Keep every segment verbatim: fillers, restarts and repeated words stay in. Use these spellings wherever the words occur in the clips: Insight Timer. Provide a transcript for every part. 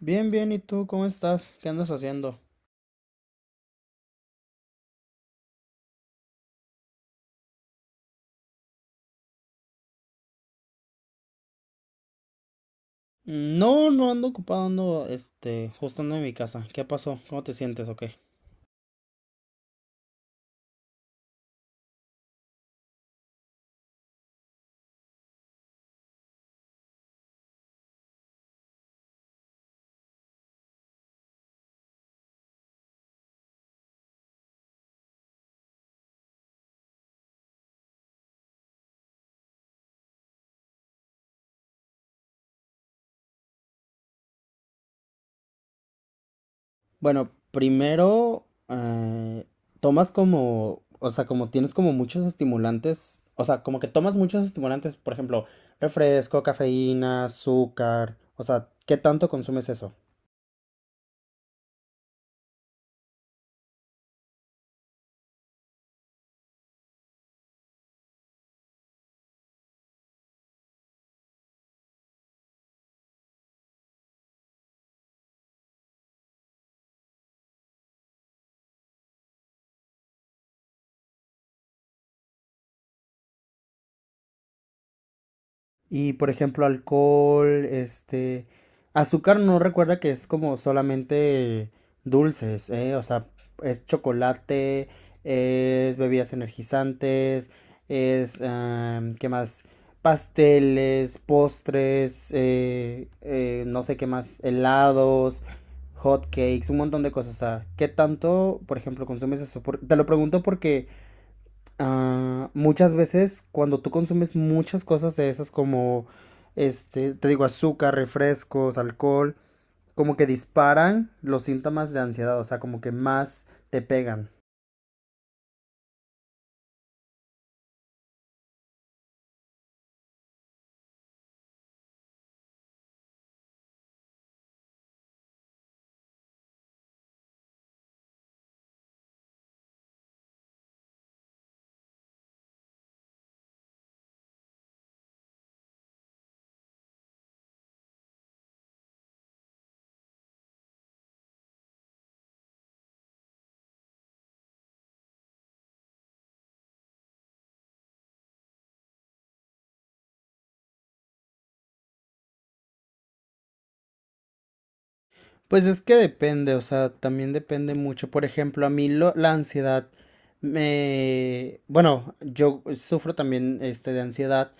Bien, bien, ¿y tú cómo estás? ¿Qué andas haciendo? No, no ando ocupado, ando, este, justo ando en mi casa. ¿Qué pasó? ¿Cómo te sientes o qué? Bueno, primero, eh, tomas como, o sea, como tienes como muchos estimulantes, o sea, como que tomas muchos estimulantes, por ejemplo, refresco, cafeína, azúcar, o sea, ¿qué tanto consumes eso? Y por ejemplo, alcohol, este, azúcar no recuerda que es como solamente dulces, ¿eh? O sea, es chocolate, es bebidas energizantes, es, am, ¿qué más? Pasteles, postres, eh, eh, no sé qué más, helados, hot cakes, un montón de cosas. O sea, ¿qué tanto, por ejemplo, consumes eso? Por- te lo pregunto porque ah, muchas veces cuando tú consumes muchas cosas de esas como, este, te digo, azúcar, refrescos, alcohol, como que disparan los síntomas de ansiedad, o sea, como que más te pegan. Pues es que depende, o sea, también depende mucho. Por ejemplo, a mí lo- la ansiedad me... Bueno, yo sufro también este, de ansiedad.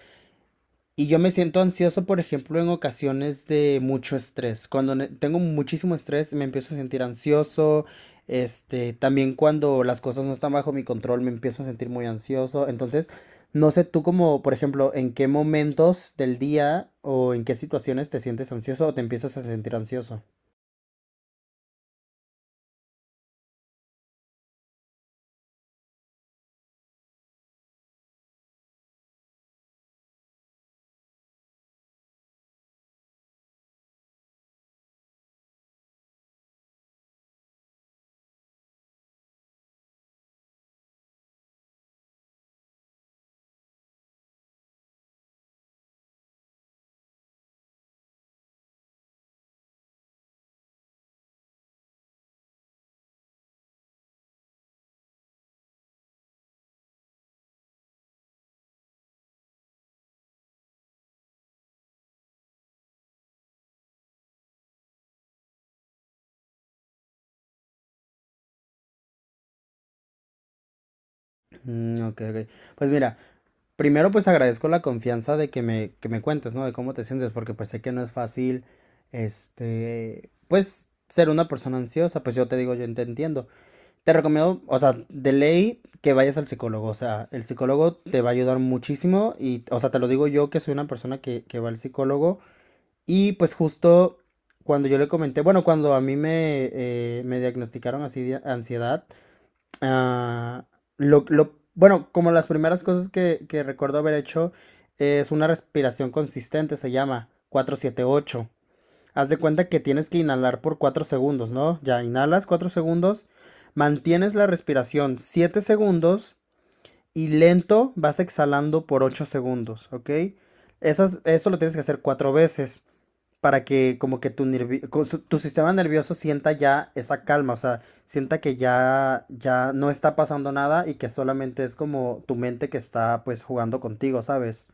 Y yo me siento ansioso, por ejemplo, en ocasiones de mucho estrés. Cuando ne- tengo muchísimo estrés, me empiezo a sentir ansioso. Este, también cuando las cosas no están bajo mi control, me empiezo a sentir muy ansioso. Entonces, no sé tú como, por ejemplo, en qué momentos del día o en qué situaciones te sientes ansioso o te empiezas a sentir ansioso. Mm, ok, ok. Pues mira. Primero, pues agradezco la confianza de que me, que me cuentes, ¿no? De cómo te sientes, porque pues sé que no es fácil, este, pues ser una persona ansiosa, pues yo te digo, yo te entiendo. Te recomiendo, o sea, de ley que vayas al psicólogo, o sea, el psicólogo te va a ayudar muchísimo y, o sea, te lo digo yo que soy una persona que, que va al psicólogo. Y pues justo cuando yo le comenté, bueno, cuando a mí me, eh, me diagnosticaron así de ansiedad, ah, lo, lo- bueno, como las primeras cosas que, que recuerdo haber hecho es una respiración consistente, se llama cuatro siete ocho. Haz de cuenta que tienes que inhalar por cuatro segundos, ¿no? Ya inhalas cuatro segundos, mantienes la respiración siete segundos y lento vas exhalando por ocho segundos, ¿ok? Esas, eso lo tienes que hacer cuatro veces para que como que tu, nervi- co- su- tu sistema nervioso sienta ya esa calma, o sea, sienta que ya, ya no está pasando nada y que solamente es como tu mente que está pues jugando contigo, ¿sabes?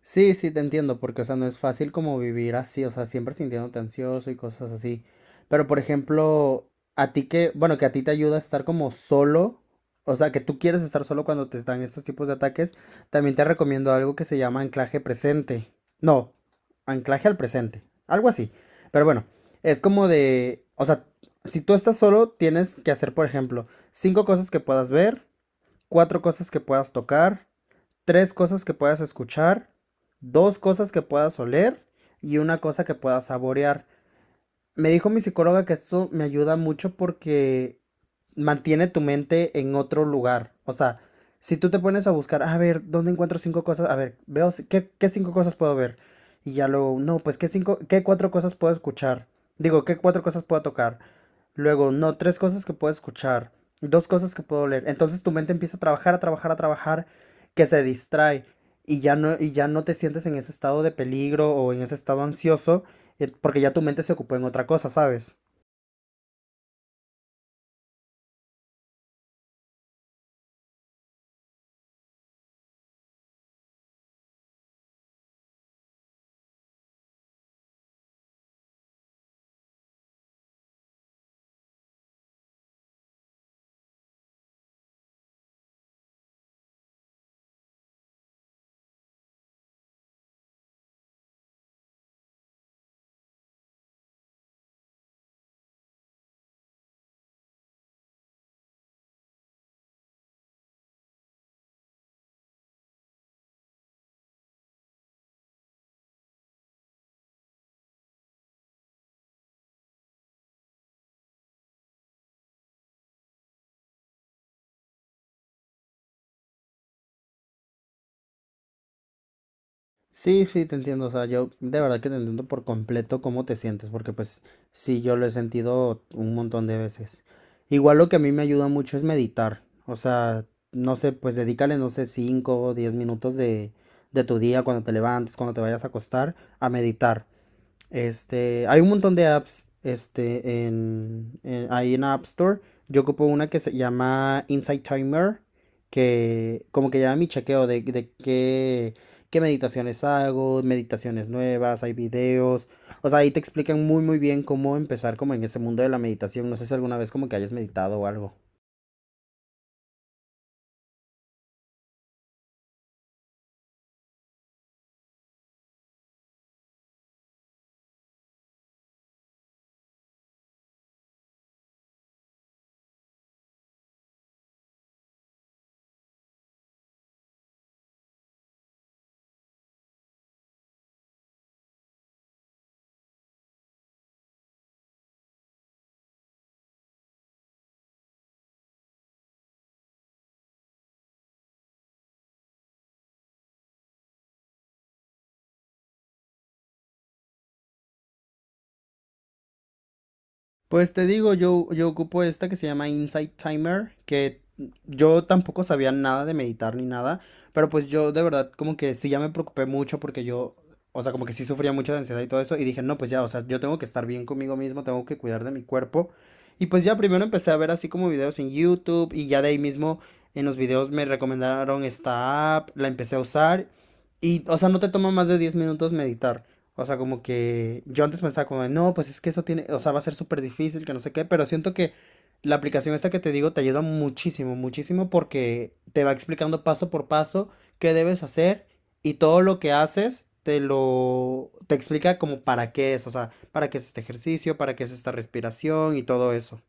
Sí, sí, te entiendo, porque, o sea, no es fácil como vivir así, o sea, siempre sintiéndote ansioso y cosas así. Pero, por ejemplo, a ti que, bueno, que a ti te ayuda a estar como solo, o sea, que tú quieres estar solo cuando te están estos tipos de ataques, también te recomiendo algo que se llama anclaje presente. No, anclaje al presente, algo así. Pero bueno, es como de, o sea, si tú estás solo, tienes que hacer, por ejemplo, cinco cosas que puedas ver, cuatro cosas que puedas tocar, tres cosas que puedas escuchar, dos cosas que puedas oler y una cosa que puedas saborear. Me dijo mi psicóloga que eso me ayuda mucho porque mantiene tu mente en otro lugar. O sea, si tú te pones a buscar, a ver, ¿dónde encuentro cinco cosas? A ver, veo, si- ¿qué, qué cinco cosas puedo ver? Y ya luego, no, pues, ¿qué cinco, qué cuatro cosas puedo escuchar? Digo, ¿qué cuatro cosas puedo tocar? Luego, no, tres cosas que puedo escuchar, dos cosas que puedo leer. Entonces tu mente empieza a trabajar, a trabajar, a trabajar, que se distrae y ya no, y ya no te sientes en ese estado de peligro o en ese estado ansioso. eh, Porque ya tu mente se ocupó en otra cosa, ¿sabes? Sí, sí, te entiendo. O sea, yo de verdad que te entiendo por completo cómo te sientes, porque pues sí, yo lo he sentido un montón de veces. Igual lo que a mí me ayuda mucho es meditar. O sea, no sé, pues dedícale, no sé, cinco o diez minutos de, de tu día cuando te levantes, cuando te vayas a acostar, a meditar. Este, hay un montón de apps, este, en, en- ahí en la App Store. Yo ocupo una que se llama Insight Timer, que como que lleva mi chequeo de, de qué, qué meditaciones hago, meditaciones nuevas, hay videos. O sea, ahí te explican muy, muy bien cómo empezar como en ese mundo de la meditación. No sé si alguna vez como que hayas meditado o algo. Pues te digo, yo, yo ocupo esta que se llama Insight Timer, que yo tampoco sabía nada de meditar ni nada, pero pues yo de verdad como que sí ya me preocupé mucho porque yo, o sea, como que sí sufría mucho de ansiedad y todo eso, y dije, no, pues ya, o sea, yo tengo que estar bien conmigo mismo, tengo que cuidar de mi cuerpo. Y pues ya primero empecé a ver así como videos en YouTube y ya de ahí mismo en los videos me recomendaron esta app, la empecé a usar y, o sea, no te toma más de diez minutos meditar. O sea, como que yo antes pensaba como, de, no, pues es que eso tiene, o sea, va a ser súper difícil, que no sé qué, pero siento que la aplicación esta que te digo te ayuda muchísimo, muchísimo porque te va explicando paso por paso qué debes hacer y todo lo que haces te lo, te explica como para qué es, o sea, para qué es este ejercicio, para qué es esta respiración y todo eso.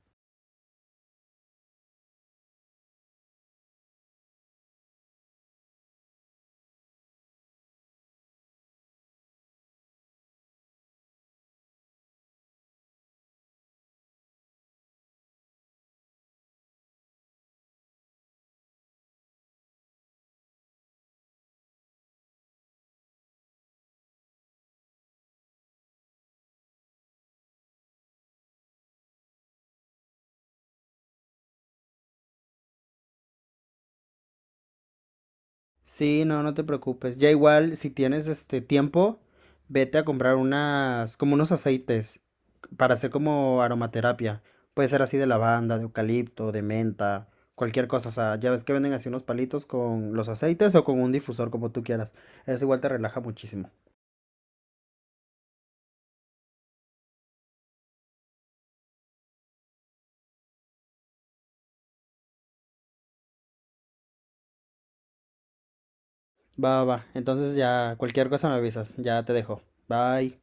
Sí, no, no te preocupes. Ya igual, si tienes este tiempo, vete a comprar unas, como unos aceites para hacer como aromaterapia. Puede ser así de lavanda, de eucalipto, de menta, cualquier cosa. O sea, ya ves que venden así unos palitos con los aceites o con un difusor, como tú quieras. Eso igual te relaja muchísimo. Va, va, va. Entonces ya, cualquier cosa me avisas. Ya te dejo. Bye.